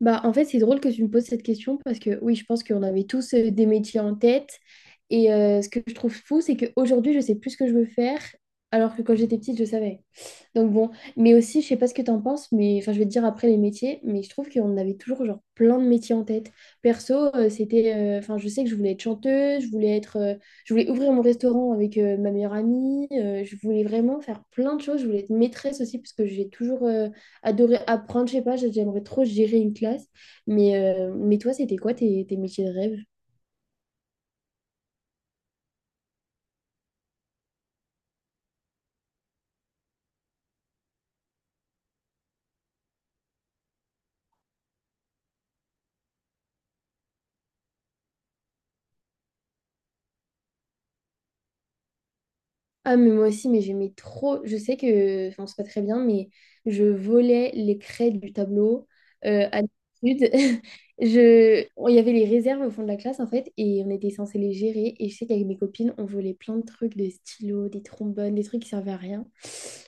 Bah, en fait, c'est drôle que tu me poses cette question parce que oui, je pense qu'on avait tous des métiers en tête. Et ce que je trouve fou, c'est qu'aujourd'hui, je sais plus ce que je veux faire, alors que quand j'étais petite, je savais. Donc bon, mais aussi, je sais pas ce que t'en penses, mais enfin, je vais te dire après les métiers, mais je trouve qu'on avait toujours genre plein de métiers en tête. Perso, c'était, enfin, je sais que je voulais être chanteuse, je voulais ouvrir mon restaurant avec ma meilleure amie, je voulais vraiment faire plein de choses, je voulais être maîtresse aussi parce que j'ai toujours adoré apprendre, je sais pas, j'aimerais trop gérer une classe. Mais toi, c'était quoi tes métiers de rêve? Ah, mais moi aussi, mais j'aimais trop. Je sais que, enfin, c'est pas très bien, mais je volais les craies du tableau à l'étude. Il y avait les réserves au fond de la classe, en fait, et on était censé les gérer. Et je sais qu'avec mes copines, on volait plein de trucs, des stylos, des trombones, des trucs qui servaient à rien.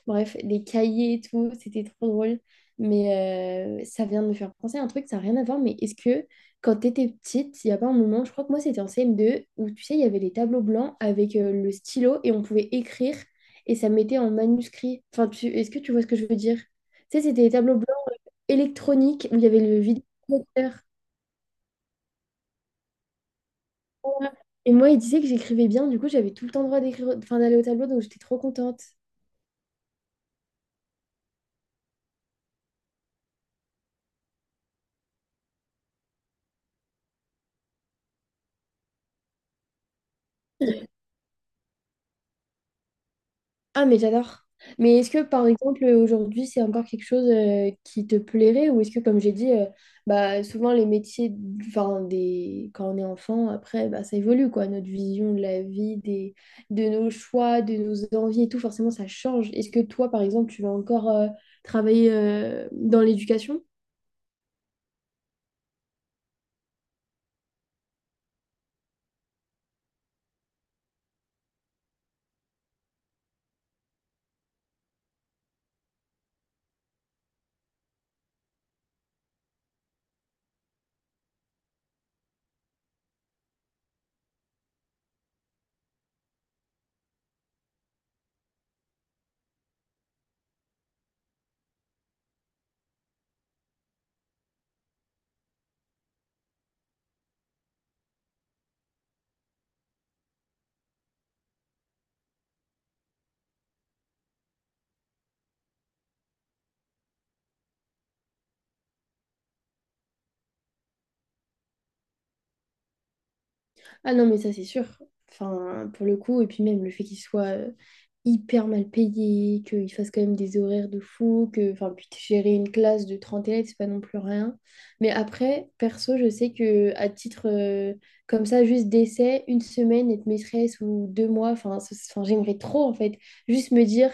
Bref, les cahiers et tout, c'était trop drôle. Mais ça vient de me faire penser à un truc, ça n'a rien à voir. Mais est-ce que quand tu étais petite, il n'y a pas un moment, je crois que moi c'était en CM2, où tu sais, il y avait les tableaux blancs avec le stylo et on pouvait écrire et ça mettait en manuscrit. Est-ce que tu vois ce que je veux dire? Tu sais, c'était les tableaux blancs électroniques où il y avait le vidéoprojecteur. Et moi, il disait que j'écrivais bien, du coup, j'avais tout le temps le droit d'écrire, enfin, d'aller au tableau, donc j'étais trop contente. Ah, mais j'adore. Mais est-ce que, par exemple, aujourd'hui, c'est encore quelque chose qui te plairait ou est-ce que, comme j'ai dit, bah, souvent les métiers, quand on est enfant, après, bah, ça évolue, quoi. Notre vision de la vie, des... De nos choix, de nos envies et tout, forcément, ça change. Est-ce que toi, par exemple, tu vas encore travailler dans l'éducation? Ah non, mais ça, c'est sûr. Enfin, pour le coup, et puis même le fait qu'il soit hyper mal payé, qu'il fasse quand même des horaires de fou, que, enfin, puis gérer une classe de 30 élèves, c'est pas non plus rien. Mais après, perso, je sais que à titre, comme ça, juste d'essai, une semaine, être maîtresse ou 2 mois, enfin, j'aimerais trop, en fait, juste me dire,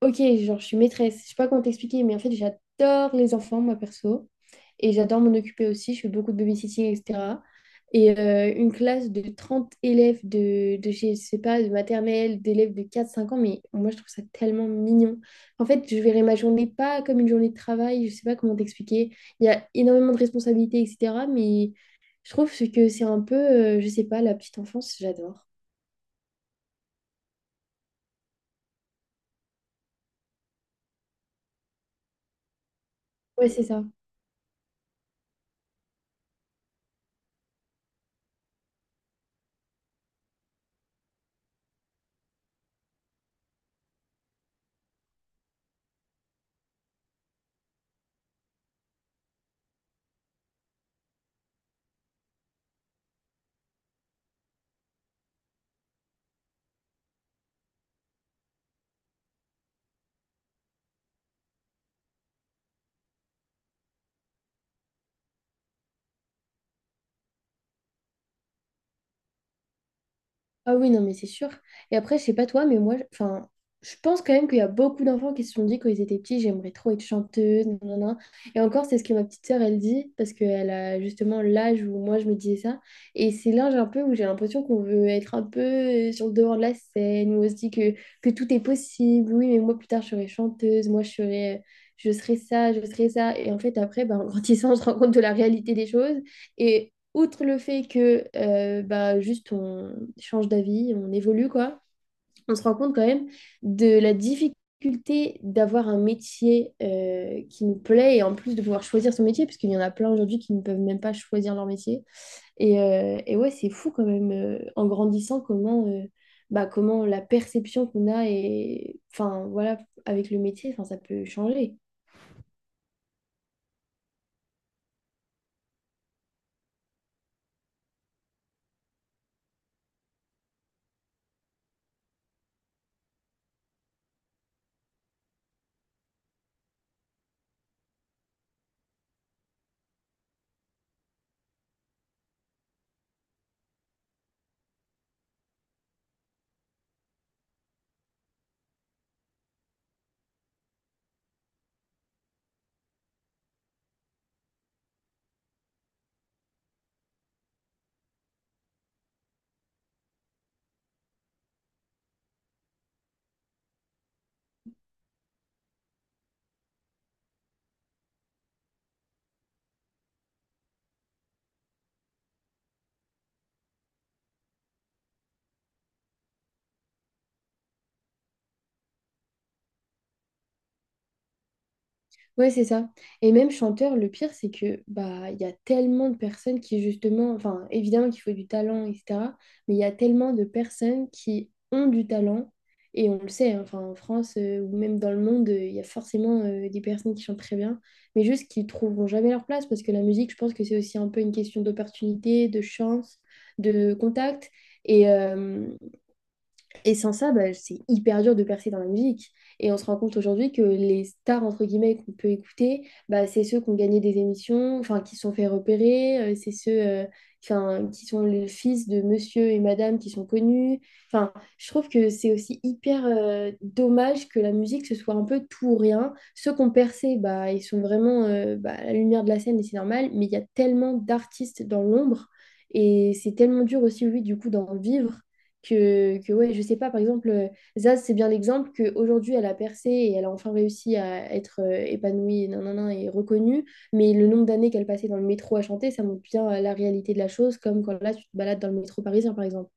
Ok, genre, je suis maîtresse. Je sais pas comment t'expliquer, mais en fait, j'adore les enfants, moi, perso. Et j'adore m'en occuper aussi. Je fais beaucoup de babysitting, etc. Et une classe de 30 je sais pas, de maternelle, d'élèves de quatre cinq ans, mais moi, je trouve ça tellement mignon. En fait, je verrai ma journée pas comme une journée de travail. Je sais pas comment t'expliquer. Il y a énormément de responsabilités, etc. Mais je trouve que c'est un peu, je sais pas, la petite enfance, j'adore. Ouais, c'est ça. Ah oui, non, mais c'est sûr. Et après, je sais pas toi, mais enfin, je pense quand même qu'il y a beaucoup d'enfants qui se sont dit quand ils étaient petits, j'aimerais trop être chanteuse, nanana. Et encore, c'est ce que ma petite sœur, elle dit, parce qu'elle a justement l'âge où moi, je me disais ça. Et c'est l'âge un peu où j'ai l'impression qu'on veut être un peu sur le devant de la scène, où on se dit que tout est possible. Oui, mais moi, plus tard, je serai chanteuse, moi, je serai ça, je serai ça. Et en fait, après, ben, en grandissant, on se rend compte de la réalité des choses. Et outre le fait que bah, juste on change d'avis, on évolue, quoi, on se rend compte quand même de la difficulté d'avoir un métier qui nous plaît et en plus de pouvoir choisir son métier, parce qu'il y en a plein aujourd'hui qui ne peuvent même pas choisir leur métier. Et ouais, c'est fou quand même, en grandissant, bah, comment la perception qu'on a et enfin voilà, avec le métier, enfin, ça peut changer. Ouais, c'est ça. Et même chanteur, le pire, c'est que bah il y a tellement de personnes qui justement, enfin évidemment qu'il faut du talent, etc. Mais il y a tellement de personnes qui ont du talent et on le sait, hein, enfin en France ou même dans le monde, il y a forcément des personnes qui chantent très bien, mais juste qui trouveront jamais leur place parce que la musique, je pense que c'est aussi un peu une question d'opportunité, de chance, de contact. Et, euh, et sans ça, bah, c'est hyper dur de percer dans la musique. Et on se rend compte aujourd'hui que les stars, entre guillemets, qu'on peut écouter, bah, c'est ceux qui ont gagné des émissions, enfin, qui se sont fait repérer, c'est ceux, enfin, qui sont les fils de monsieur et madame qui sont connus. Enfin, je trouve que c'est aussi hyper dommage que la musique, ce soit un peu tout ou rien. Ceux qui ont percé, bah, ils sont vraiment bah, à la lumière de la scène et c'est normal, mais il y a tellement d'artistes dans l'ombre. Et c'est tellement dur aussi, lui, du coup, d'en vivre que ouais, je sais pas, par exemple, Zaz, c'est bien l'exemple qu'aujourd'hui, elle a percé et elle a enfin réussi à être épanouie nanana, et reconnue, mais le nombre d'années qu'elle passait dans le métro à chanter, ça montre bien la réalité de la chose, comme quand là, tu te balades dans le métro parisien, par exemple.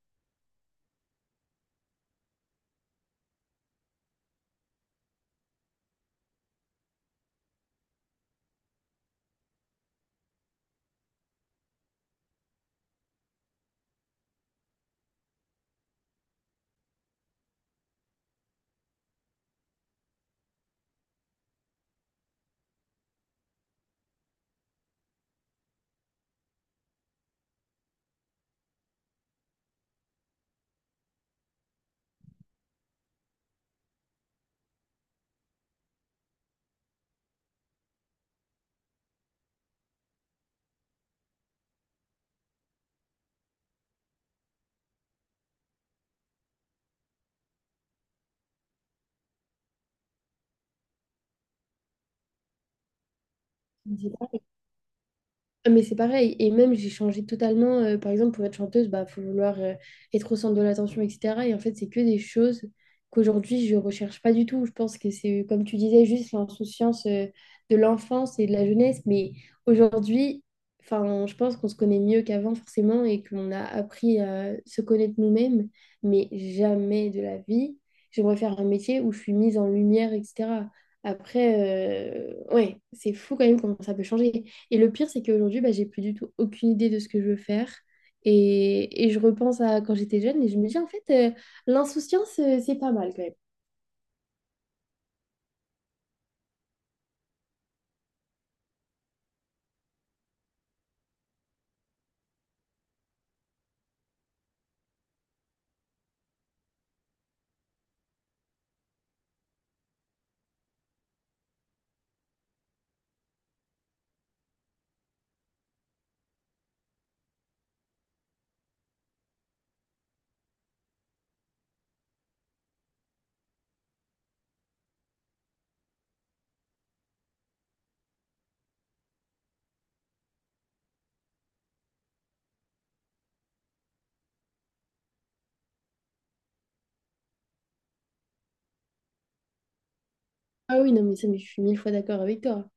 Ah, mais c'est pareil, et même j'ai changé totalement, par exemple pour être chanteuse, bah faut vouloir être au centre de l'attention, etc. Et en fait, c'est que des choses qu'aujourd'hui je recherche pas du tout. Je pense que c'est, comme tu disais, juste l'insouciance de l'enfance et de la jeunesse. Mais aujourd'hui, enfin, je pense qu'on se connaît mieux qu'avant forcément et qu'on a appris à se connaître nous-mêmes, mais jamais de la vie. J'aimerais faire un métier où je suis mise en lumière, etc. Après, ouais, c'est fou quand même comment ça peut changer. Et le pire, c'est qu'aujourd'hui, bah, j'ai plus du tout aucune idée de ce que je veux faire. Et je repense à quand j'étais jeune et je me dis, en fait, l'insouciance, c'est pas mal quand même. Ah oui, non, mais ça, mais je suis mille fois d'accord avec toi.